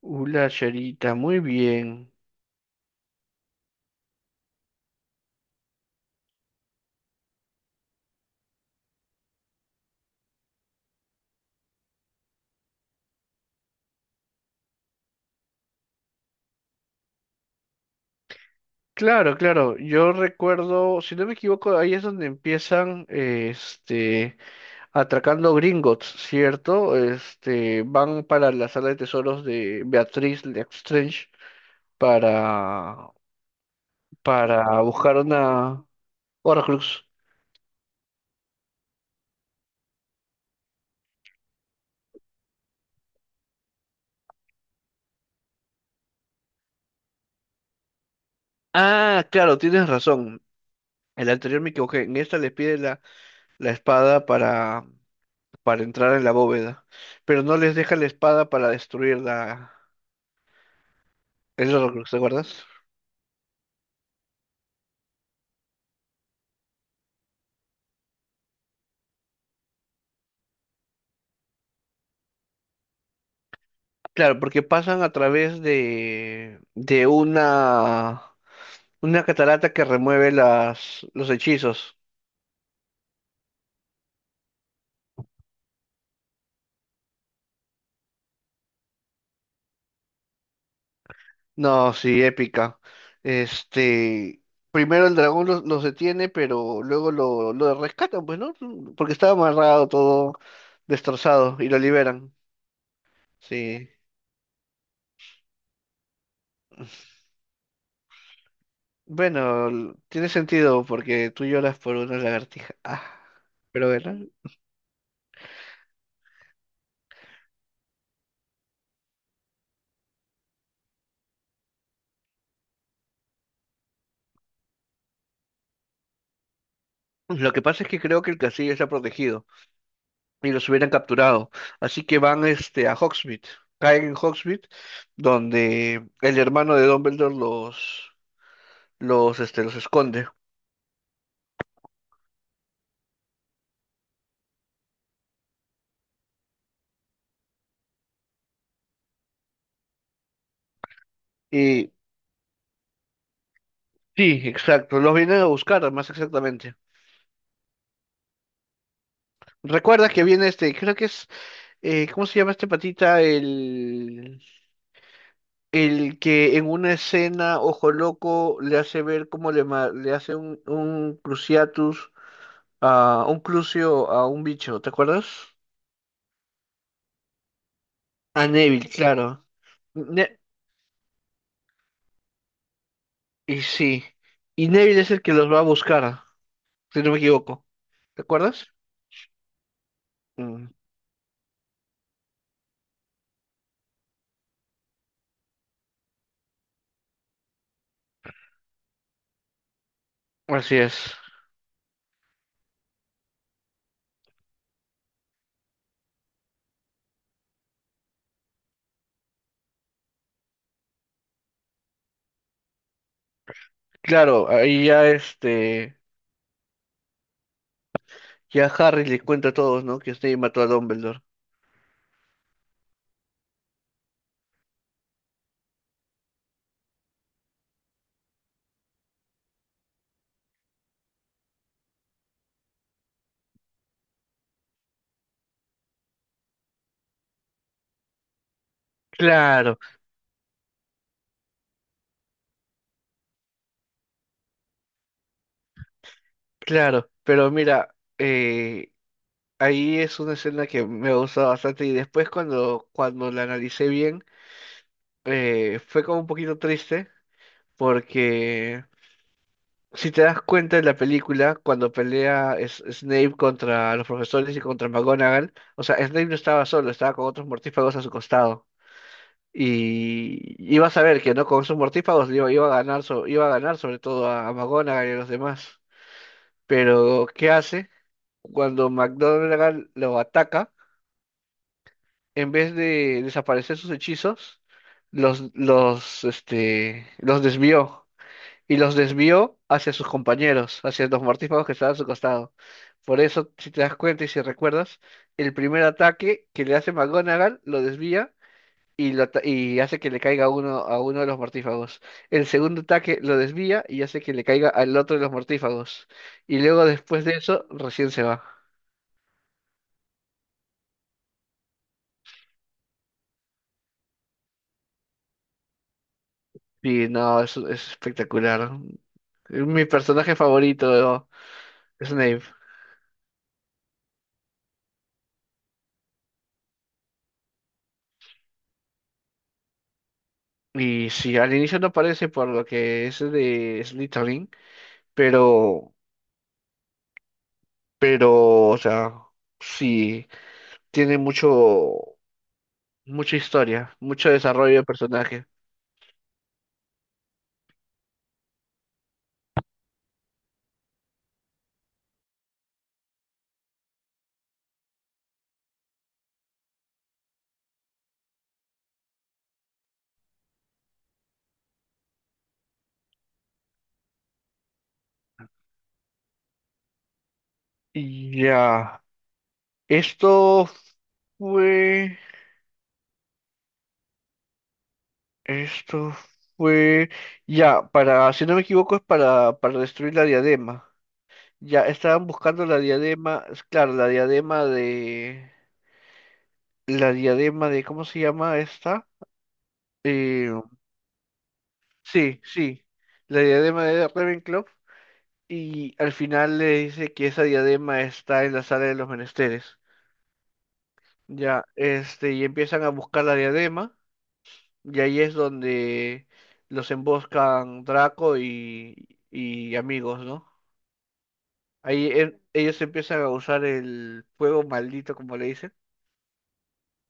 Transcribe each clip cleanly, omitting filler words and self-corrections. Hola, Charita, muy bien. Claro, claro, yo recuerdo, si no me equivoco, ahí es donde empiezan, atracando Gringotts, ¿cierto? Este, van para la sala de tesoros de Beatriz Lestrange para, para buscar una Horcrux. Ah, claro, tienes razón. El anterior me equivoqué. En esta les pide la espada para entrar en la bóveda, pero no les deja la espada para destruirla. Es lo que te acuerdas. Claro, porque pasan a través de una catarata que remueve los hechizos. No, sí, épica. Este, primero el dragón los detiene, pero luego lo rescatan, pues, ¿no? Porque estaba amarrado todo destrozado y lo liberan. Sí. Bueno, tiene sentido porque tú lloras por una lagartija. Ah, pero bueno, lo que pasa es que creo que el castillo está protegido, y los hubieran capturado. Así que van este, a Hogsmeade, caen en Hogsmeade, donde el hermano de Dumbledore los esconde. Y sí, exacto, los vienen a buscar, más exactamente. Recuerda que viene este, creo que es, ¿cómo se llama este patita? El que en una escena, ojo loco, le hace ver cómo le, le hace un cruciatus, a un crucio a un bicho, ¿te acuerdas? A Neville, claro. Ne- Y sí, y Neville es el que los va a buscar, si no me equivoco. ¿Te acuerdas? Mm, así es. Claro, ahí ya este, ya Harry le cuenta a todos, ¿no? Que Snape mató a Dumbledore. Claro, claro, pero mira, ahí es una escena que me gusta bastante y después cuando la analicé bien, fue como un poquito triste porque, si te das cuenta en la película, cuando pelea Snape contra los profesores y contra McGonagall, o sea, Snape no estaba solo, estaba con otros mortífagos a su costado. Y ibas a ver que no con esos mortífagos iba a ganar, iba a ganar sobre todo a McGonagall y a los demás. Pero, ¿qué hace? Cuando McGonagall lo ataca, en vez de desaparecer sus hechizos, los desvió. Y los desvió hacia sus compañeros, hacia los mortífagos que estaban a su costado. Por eso, si te das cuenta y si recuerdas, el primer ataque que le hace McGonagall lo desvía y, y hace que le caiga a uno de los mortífagos. El segundo ataque lo desvía y hace que le caiga al otro de los mortífagos. Y luego después de eso, recién se va. Y no, es espectacular. Es mi personaje favorito, Snape. Y sí, al inicio no parece por lo que es de Slytherin, pero Pero, o sea, sí, tiene mucho, mucha historia, mucho desarrollo de personaje. Y ya, esto fue, esto fue, ya, para, si no me equivoco, es para destruir la diadema. Ya, estaban buscando la diadema, es claro, la diadema de, ¿cómo se llama esta? Eh, sí, sí, la diadema de Ravenclaw, y al final le dice que esa diadema está en la sala de los menesteres. Ya, este, y empiezan a buscar la diadema, y ahí es donde los emboscan Draco y amigos, ¿no? Ellos empiezan a usar el fuego maldito, como le dicen,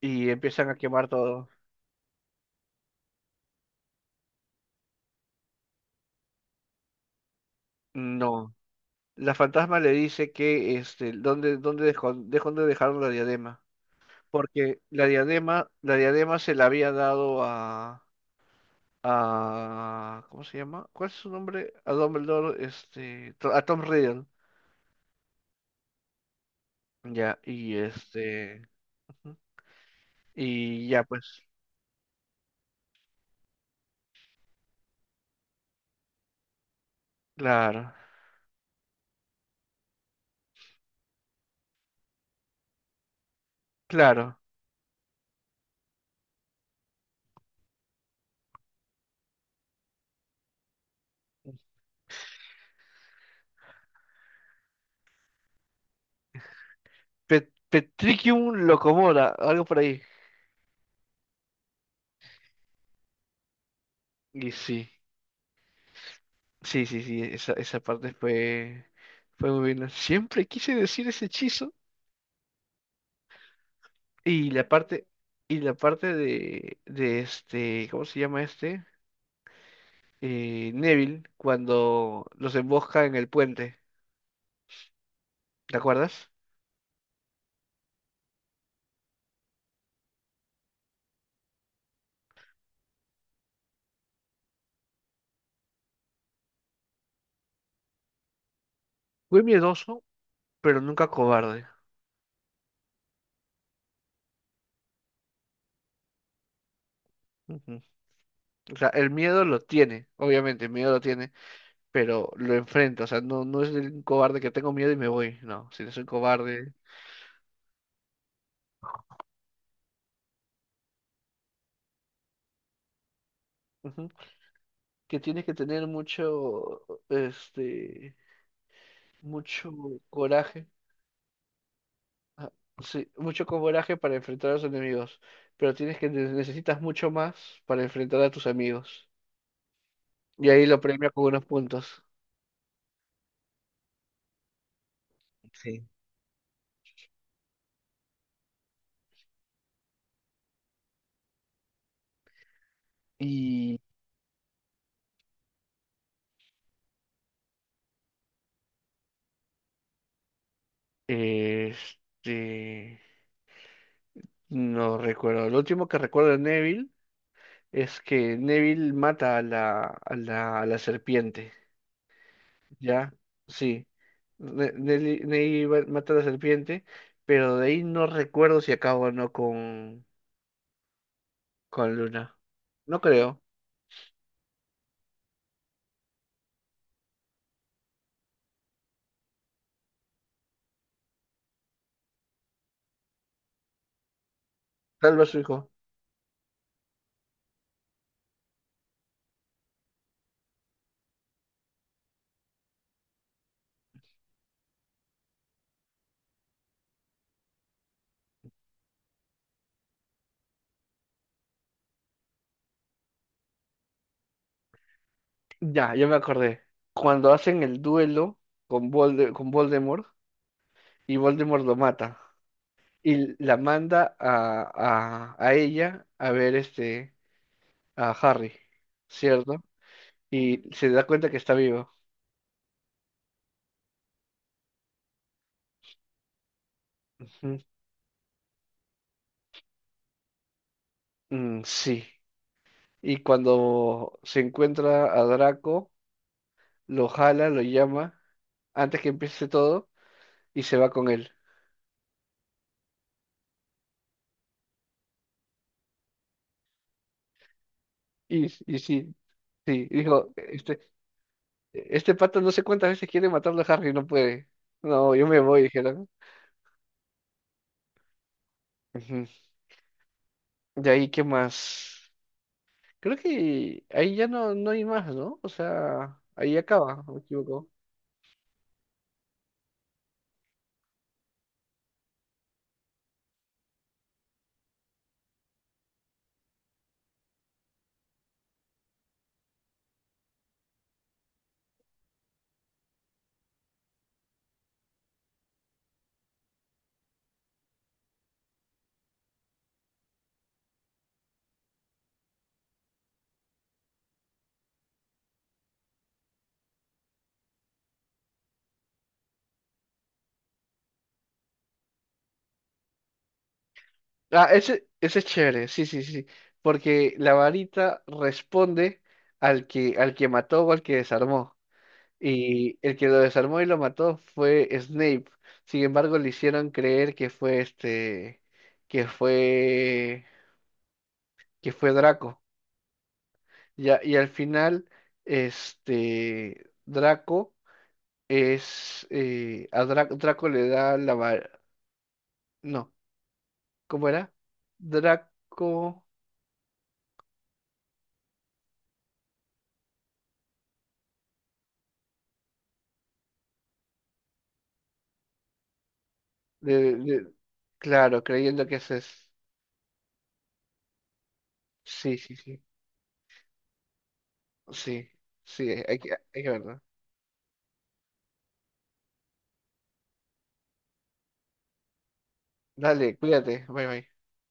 y empiezan a quemar todo. No. La fantasma le dice que, este, ¿dónde, dónde dejó, dónde dejaron la diadema? Porque la diadema se la había dado a... ¿Cómo se llama? ¿Cuál es su nombre? A Dumbledore, a Tom Riddle. Ya, y este... Ujú. Y ya, pues. Claro, claro. Petricum Locomoda, algo por ahí. Y sí, esa, esa parte fue, fue muy buena. Siempre quise decir ese hechizo. Y la parte, y la parte de este, ¿cómo se llama este? Neville, cuando los embosca en el puente, ¿te acuerdas? Fui miedoso, pero nunca cobarde. Ujú. O sea, el miedo lo tiene, obviamente, el miedo lo tiene, pero lo enfrenta. O sea, no, no es el cobarde que tengo miedo y me voy. No, si no soy cobarde. Ujú. Que tienes que tener mucho, este, mucho coraje. Ah, sí, mucho coraje para enfrentar a los enemigos, pero tienes que necesitas mucho más para enfrentar a tus amigos. Y ahí lo premia con unos puntos. Sí. Y este, no recuerdo. Lo último que recuerdo de Neville es que Neville mata a la, a la, a la serpiente, ¿ya? Sí. Neville mata a la serpiente, pero de ahí no recuerdo si acaba o no con, con Luna. No creo. Tal vez su hijo. Ya, ya me acordé. Cuando hacen el duelo con, con Voldemort, y Voldemort lo mata y la manda a ella a ver este a Harry, ¿cierto? Y se da cuenta que está vivo. Ujú. Mm, sí. Y cuando se encuentra a Draco, lo jala, lo llama, antes que empiece todo, y se va con él. Y sí, sí, dijo, este pato no sé cuántas veces quiere matarlo a Harry, no puede. No, yo me voy, dijeron. Ujú. De ahí, ¿qué más? Creo que ahí ya no, no hay más, ¿no? O sea, ahí acaba, ¿o me equivoco? Ah, ese es chévere, sí, sí, sí, sí. Porque la varita responde al que mató o al que desarmó. Y el que lo desarmó y lo mató fue Snape. Sin embargo, le hicieron creer que fue este, que fue, que fue Draco. Ya, y al final, este, Draco es, a Dra- Draco le da la varita. No, ¿cómo era? Draco. de- de- claro, creyendo que eso es. Sí, sí, sí. Sí, sí, hay que verlo. Dale, cuídate. Bye, bye.